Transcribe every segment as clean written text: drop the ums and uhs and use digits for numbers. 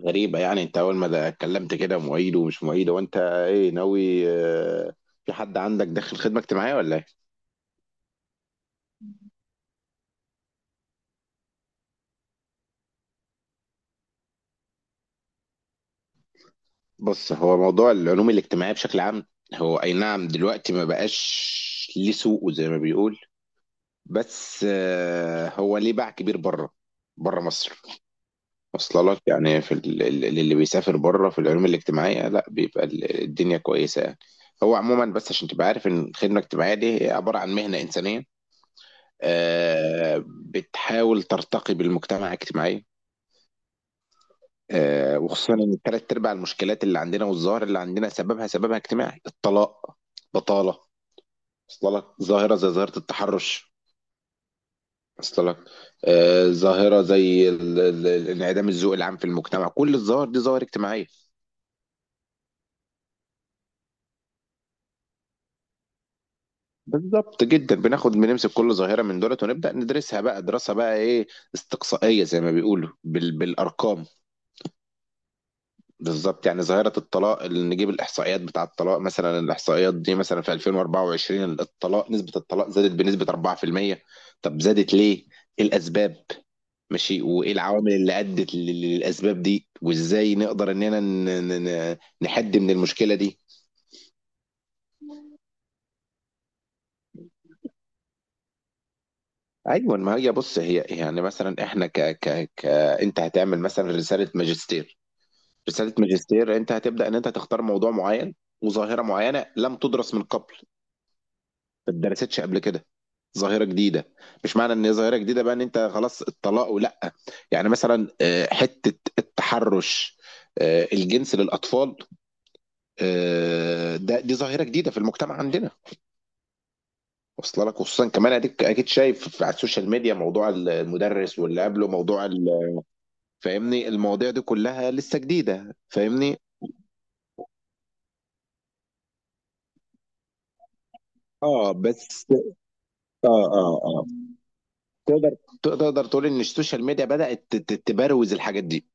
غريبة يعني انت اول ما ده اتكلمت كده معيد ومش معيد وانت ايه ناوي في حد عندك داخل خدمة اجتماعية ولا ايه؟ بص هو موضوع العلوم الاجتماعية بشكل عام، هو اي نعم دلوقتي ما بقاش ليه سوقه زي ما بيقول، بس هو ليه باع كبير بره، بره مصر. واصله لك يعني في اللي بيسافر بره في العلوم الاجتماعية لا بيبقى الدنيا كويسة يعني. هو عموما بس عشان تبقى عارف ان الخدمة الاجتماعية دي هي عبارة عن مهنة إنسانية، بتحاول ترتقي بالمجتمع الاجتماعي. وخصوصا ان ثلاث ارباع المشكلات اللي عندنا والظاهر اللي عندنا سببها اجتماعي: الطلاق، بطاله. وصل لك ظاهره زي ظاهره التحرش. وصل لك ظاهره زي انعدام الذوق العام في المجتمع. كل الظواهر دي ظواهر اجتماعيه. بالظبط جدا، بناخد بنمسك كل ظاهره من دولت ونبدا ندرسها بقى دراسه بقى ايه، استقصائيه زي ما بيقولوا بالارقام. بالظبط، يعني ظاهرة الطلاق اللي نجيب الإحصائيات بتاع الطلاق، مثلا الإحصائيات دي مثلا في 2024 الطلاق نسبة الطلاق زادت بنسبة 4%. طب زادت ليه؟ إيه الأسباب؟ ماشي، وإيه العوامل اللي أدت للأسباب دي؟ وإزاي نقدر إننا نحد من المشكلة دي؟ أيوة، ما هي بص هي يعني مثلا إحنا ك ك ك أنت هتعمل مثلا رسالة ماجستير. أنت هتبدأ إن أنت تختار موضوع معين وظاهرة معينة لم تدرس من قبل، ما اتدرستش قبل كده، ظاهرة جديدة. مش معنى ان هي ظاهرة جديدة بقى ان انت خلاص الطلاق ولا، يعني مثلا حتة التحرش، الجنس للأطفال، ده دي ظاهرة جديدة في المجتمع عندنا. واصله لك خصوصا كمان اديك اكيد شايف على السوشيال ميديا موضوع المدرس، واللي قبله موضوع فاهمني المواضيع دي كلها لسه جديدة، فاهمني. اه بس. اه اه اه تقدر، تقدر تقول ان السوشيال ميديا بدأت تبروز الحاجات دي،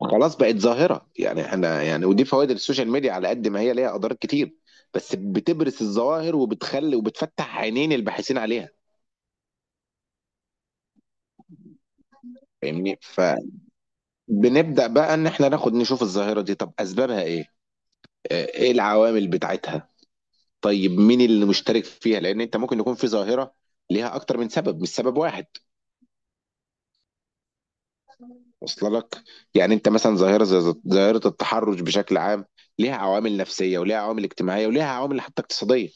خلاص بقت ظاهرة يعني احنا يعني. ودي فوائد السوشيال ميديا، على قد ما هي ليها اضرار كتير، بس بتبرز الظواهر وبتخلي وبتفتح عينين الباحثين عليها. فاهمني، فبنبدأ بقى ان احنا ناخد نشوف الظاهرة دي، طب اسبابها ايه، اه، ايه العوامل بتاعتها. طيب مين اللي مشترك فيها، لان انت ممكن يكون في ظاهرة ليها اكتر من سبب مش سبب واحد. وصل لك، يعني انت مثلا ظاهرة زي ظاهرة التحرش بشكل عام ليها عوامل نفسية وليها عوامل اجتماعية وليها عوامل حتى اقتصادية.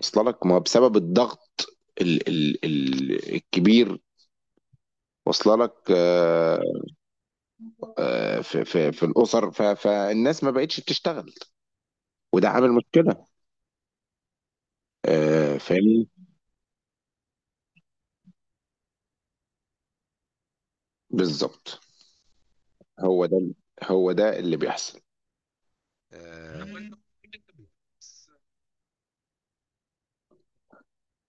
واصله لك ما هو بسبب الضغط ال ال ال الكبير. واصله لك في الاسر، فالناس ما بقتش بتشتغل وده عامل مشكله. فاهمني. بالظبط، هو ده، هو ده اللي بيحصل. آه،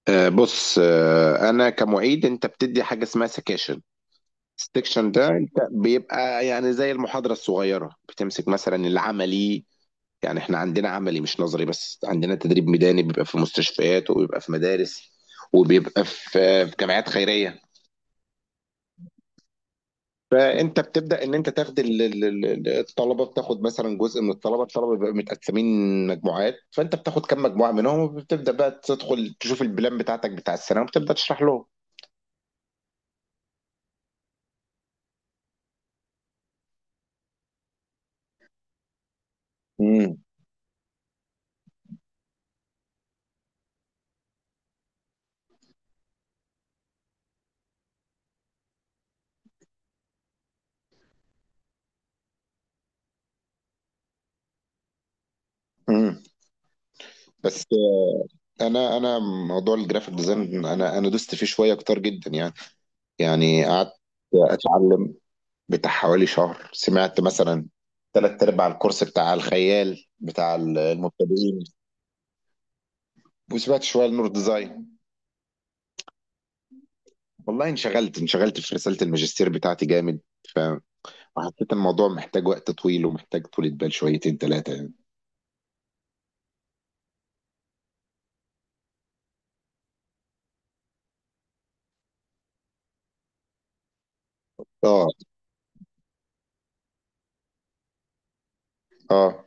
بص، انا كمعيد انت بتدي حاجه اسمها سكاشن. السكشن ده انت بيبقى يعني زي المحاضره الصغيره، بتمسك مثلا العملي. يعني احنا عندنا عملي مش نظري، بس عندنا تدريب ميداني بيبقى في مستشفيات وبيبقى في مدارس وبيبقى في في جمعيات خيرية. فانت بتبدأ ان انت تاخد الطلبة، بتاخد مثلا جزء من الطلبة. الطلبة بيبقى متقسمين مجموعات، فانت بتاخد كم مجموعة منهم وبتبدأ بقى تدخل تشوف البلان بتاعتك بتاع السنة وبتبدأ تشرح لهم. امم، امم. بس انا موضوع الجرافيك ديزاين انا دوست فيه شوية كتير جدا يعني، يعني قعدت اتعلم بتاع حوالي شهر، سمعت مثلا تلات ارباع الكورس بتاع الخيال بتاع المبتدئين، وسمعت شويه لنور ديزاين. والله انشغلت في رساله الماجستير بتاعتي جامد، وحسيت الموضوع محتاج وقت طويل ومحتاج طولة بال شويتين ثلاثه يعني. اه اه،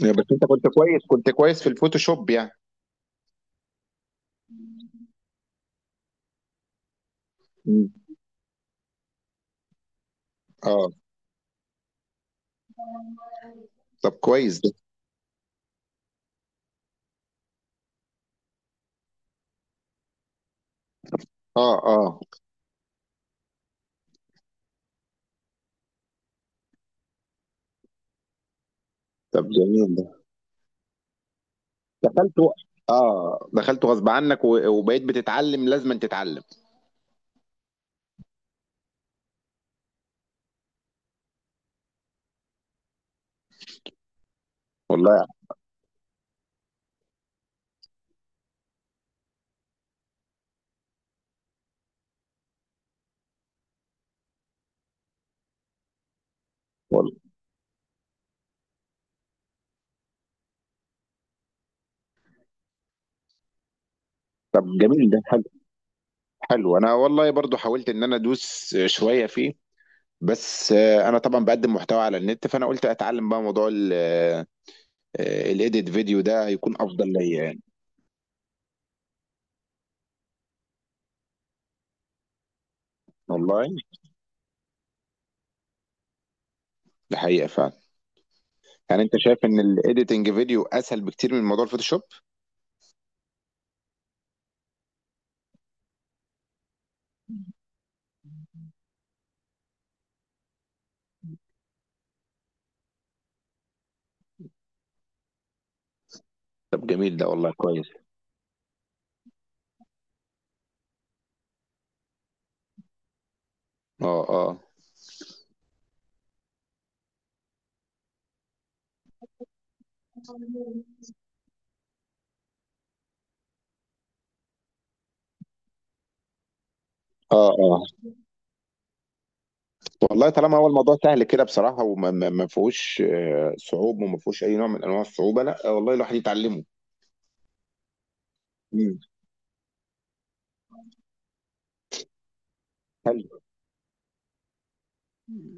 يعني بس انت كنت كويس، كنت كويس في الفوتوشوب يعني. مم. اه، طب كويس ده، اه اه، طب جميل ده. دخلت و... اه دخلت غصب عنك، وبقيت بتتعلم، لازم تتعلم. والله. والله، طب جميل ده، حلو. انا والله برضو حاولت ان انا ادوس شويه فيه، بس انا طبعا بقدم محتوى على النت، فانا قلت اتعلم بقى موضوع الايديت فيديو ده هيكون افضل ليا يعني. والله ده حقيقه فعلا. يعني انت شايف ان الايديتنج فيديو اسهل بكتير من موضوع الفوتوشوب؟ طب جميل ده والله، كويس. اه اه اه اه، والله طالما هو الموضوع سهل كده بصراحه وما ما ما فيهوش صعوبه وما فيهوش اي نوع من انواع الصعوبه، لا والله الواحد يتعلمه. امم، حلو.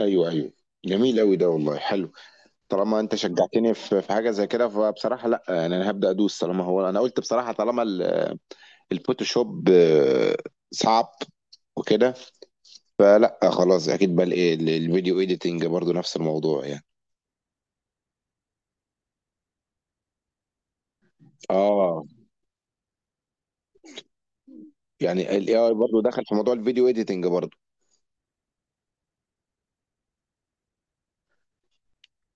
ايوه ايوه، جميل قوي ده والله، حلو. طالما انت شجعتني في في حاجه زي كده، فبصراحه لا، يعني انا هبدا ادوس. طالما هو انا قلت بصراحه طالما الفوتوشوب صعب وكده، فلا خلاص اكيد بقى الايه الفيديو ايديتنج برضو نفس الموضوع يعني. اه، يعني الاي اي برضو دخل في موضوع الفيديو ايديتنج برضو.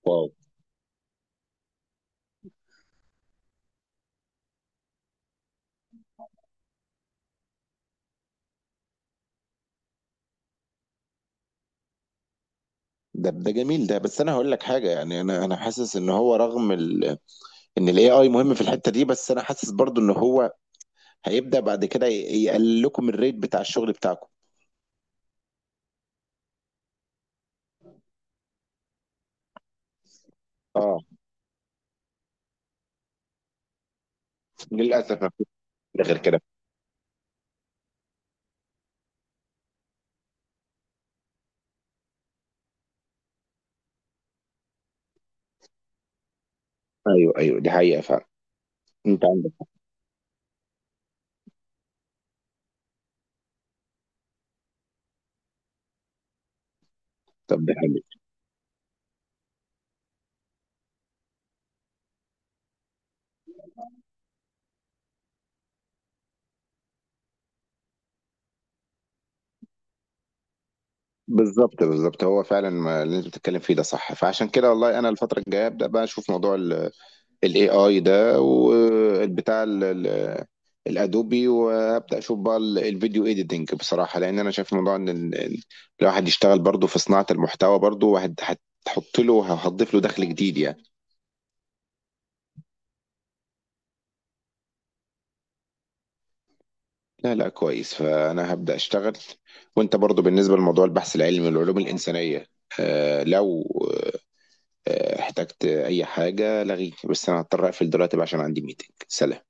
واو، ده جميل ده، بس انا هقول لك حاجه: يعني انا انا حاسس ان هو رغم ال... ان الاي اي مهم في الحته دي، بس انا حاسس برضو ان هو هيبدا بعد كده يقلل لكم الريت بتاع الشغل بتاعكم. اه، للاسف ما فيش غير كده. ايوه ايوه، دي حقيقه فعلا. انت عندك حق. طب ده حلو. بالظبط بالظبط، هو فعلا اللي انت بتتكلم فيه ده صح، فعشان كده والله انا الفتره الجايه ابدا بقى اشوف موضوع الاي اي ده والبتاع الادوبي، وابدا اشوف بقى الفيديو ايديتنج بصراحه، لان انا شايف موضوع ان الواحد يشتغل برضه في صناعه المحتوى برضه، واحد هتحط له، هتضيف له دخل جديد يعني. لا لا، كويس، فأنا هبدأ أشتغل. وأنت برضو بالنسبة لموضوع البحث العلمي والعلوم الإنسانية، آه لو آه احتجت أي حاجة لغيني، بس أنا هضطر أقفل دلوقتي بقى عشان عندي ميتنج. سلام.